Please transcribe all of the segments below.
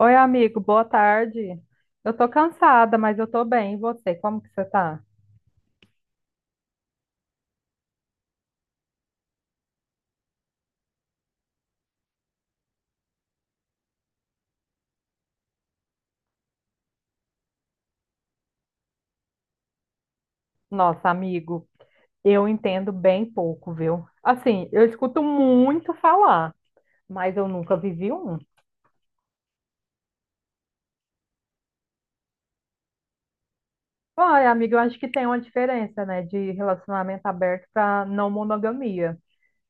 Oi, amigo, boa tarde. Eu tô cansada, mas eu tô bem. E você, como que você tá? Nossa, amigo, eu entendo bem pouco, viu? Assim, eu escuto muito falar, mas eu nunca vivi um. Olha, amiga, eu acho que tem uma diferença, né, de relacionamento aberto para não monogamia.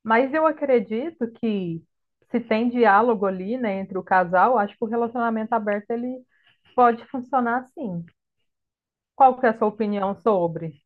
Mas eu acredito que se tem diálogo ali, né, entre o casal, acho que o relacionamento aberto ele pode funcionar sim. Qual que é a sua opinião sobre?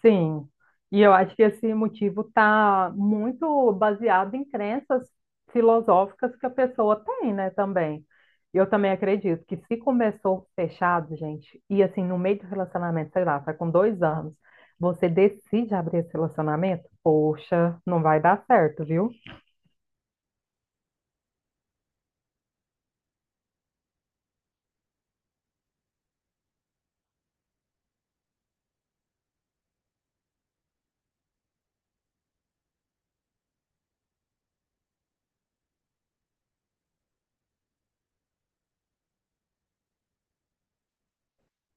Sim, e eu acho que esse motivo está muito baseado em crenças filosóficas que a pessoa tem, né, também. Eu também acredito que se começou fechado, gente, e assim, no meio do relacionamento, sei lá, tá com dois anos, você decide abrir esse relacionamento, poxa, não vai dar certo, viu?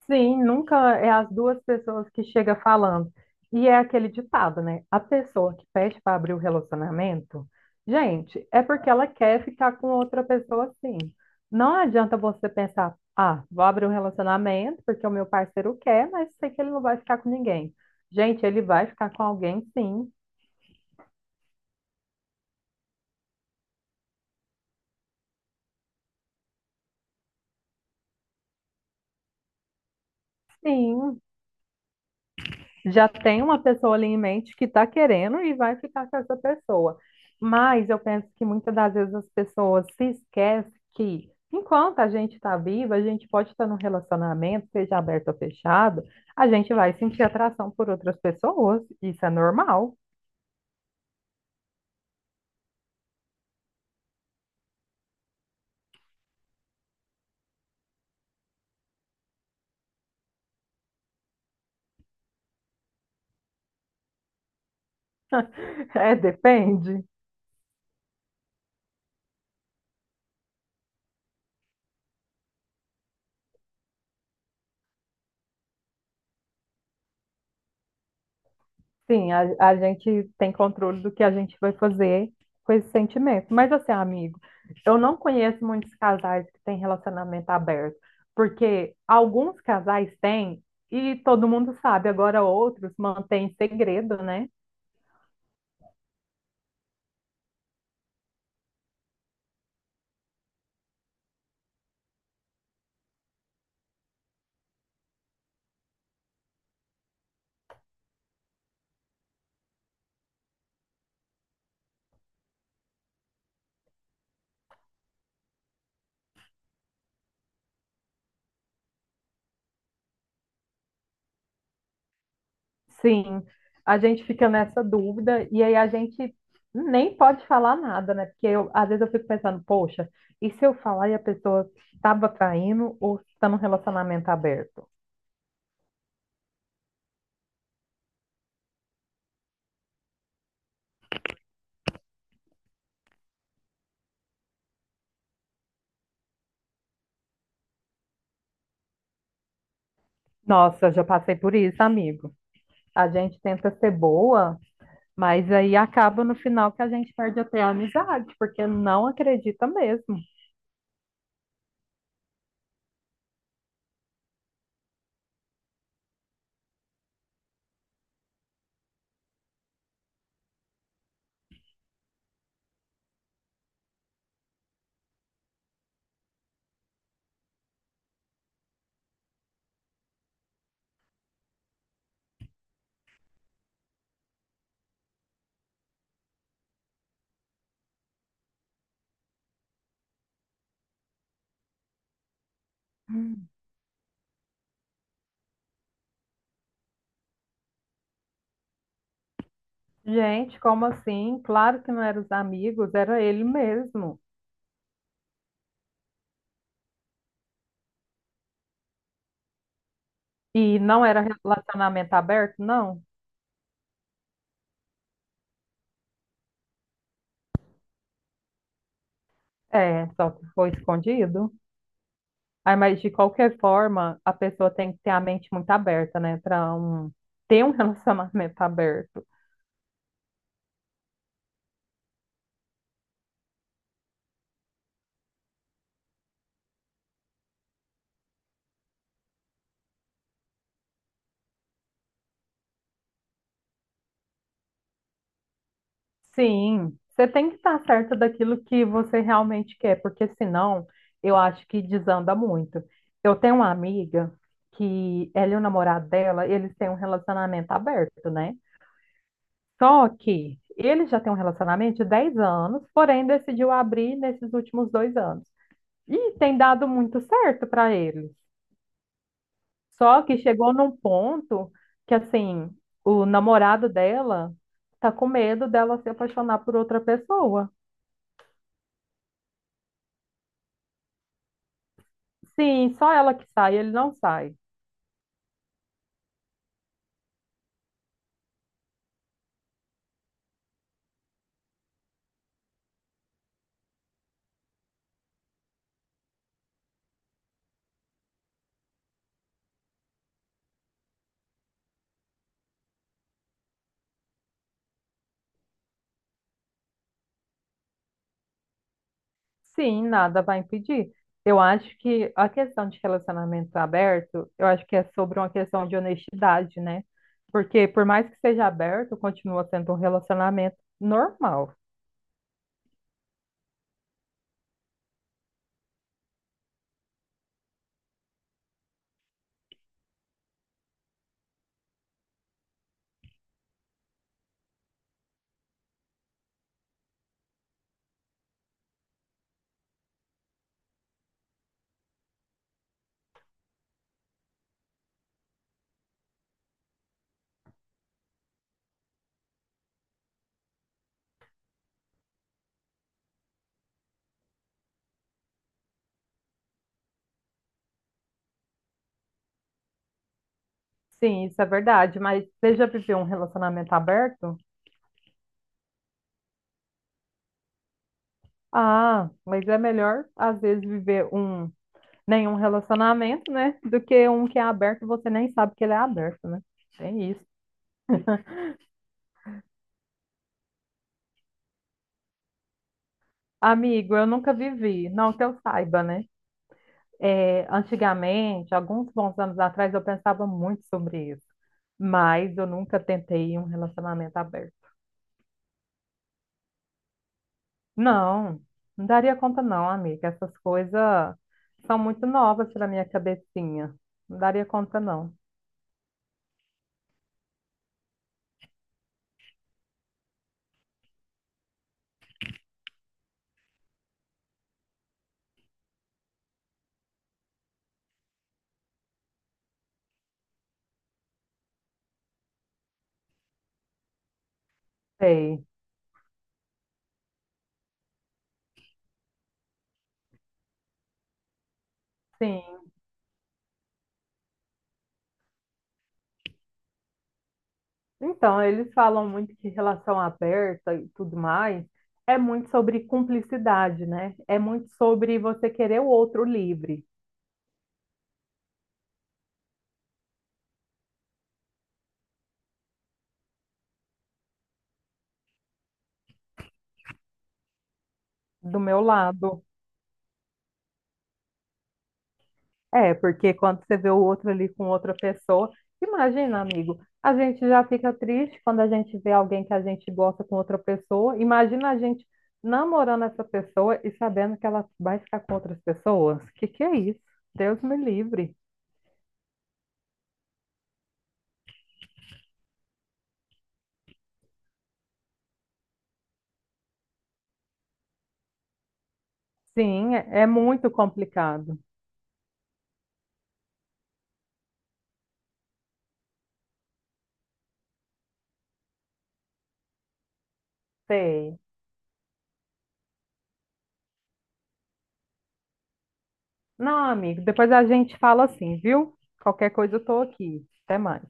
Sim, nunca é as duas pessoas que chega falando. E é aquele ditado, né? A pessoa que pede para abrir o relacionamento, gente, é porque ela quer ficar com outra pessoa assim. Não adianta você pensar, ah, vou abrir um relacionamento porque o meu parceiro quer, mas sei que ele não vai ficar com ninguém. Gente, ele vai ficar com alguém, sim, sim. Já tem uma pessoa ali em mente que está querendo e vai ficar com essa pessoa. Mas eu penso que muitas das vezes as pessoas se esquecem que, enquanto a gente está viva, a gente pode estar num relacionamento, seja aberto ou fechado, a gente vai sentir atração por outras pessoas. Isso é normal. É, depende. Sim, a gente tem controle do que a gente vai fazer com esse sentimento. Mas assim, amigo, eu não conheço muitos casais que têm relacionamento aberto, porque alguns casais têm e todo mundo sabe, agora outros mantêm segredo, né? Sim, a gente fica nessa dúvida e aí a gente nem pode falar nada, né? Porque eu, às vezes eu fico pensando, poxa, e se eu falar e a pessoa estava traindo ou está num relacionamento aberto? Nossa, eu já passei por isso, amigo. A gente tenta ser boa, mas aí acaba no final que a gente perde até a amizade, porque não acredita mesmo. Gente, como assim? Claro que não eram os amigos, era ele mesmo. E não era relacionamento aberto, não? É, só que foi escondido. Aí, mas de qualquer forma, a pessoa tem que ter a mente muito aberta, né, para um, ter um relacionamento aberto. Sim, você tem que estar certa daquilo que você realmente quer, porque senão eu acho que desanda muito. Eu tenho uma amiga que ela e o namorado dela, eles têm um relacionamento aberto, né? Só que ele já tem um relacionamento de 10 anos, porém decidiu abrir nesses últimos 2 anos. E tem dado muito certo para eles. Só que chegou num ponto que, assim, o namorado dela tá com medo dela se apaixonar por outra pessoa. Sim, só ela que sai, ele não sai. Sim, nada vai impedir. Eu acho que a questão de relacionamento aberto, eu acho que é sobre uma questão de honestidade, né? Porque por mais que seja aberto, continua sendo um relacionamento normal. Sim, isso é verdade, mas você já viveu um relacionamento aberto? Ah, mas é melhor às vezes viver um nenhum relacionamento, né? Do que um que é aberto e você nem sabe que ele é aberto, né? Tem isso. Amigo, eu nunca vivi, não que eu saiba, né? É, antigamente, alguns bons anos atrás, eu pensava muito sobre isso, mas eu nunca tentei um relacionamento aberto. Não, não daria conta, não, amiga. Essas coisas são muito novas para minha cabecinha. Não daria conta, não. Sei, sim. Então, eles falam muito que relação aberta e tudo mais é muito sobre cumplicidade, né? É muito sobre você querer o outro livre. Do meu lado. É, porque quando você vê o outro ali com outra pessoa, imagina, amigo, a gente já fica triste quando a gente vê alguém que a gente gosta com outra pessoa. Imagina a gente namorando essa pessoa e sabendo que ela vai ficar com outras pessoas. Que é isso? Deus me livre. Sim, é é muito complicado. Sei. Não, amigo, depois a gente fala assim, viu? Qualquer coisa eu tô aqui. Até mais.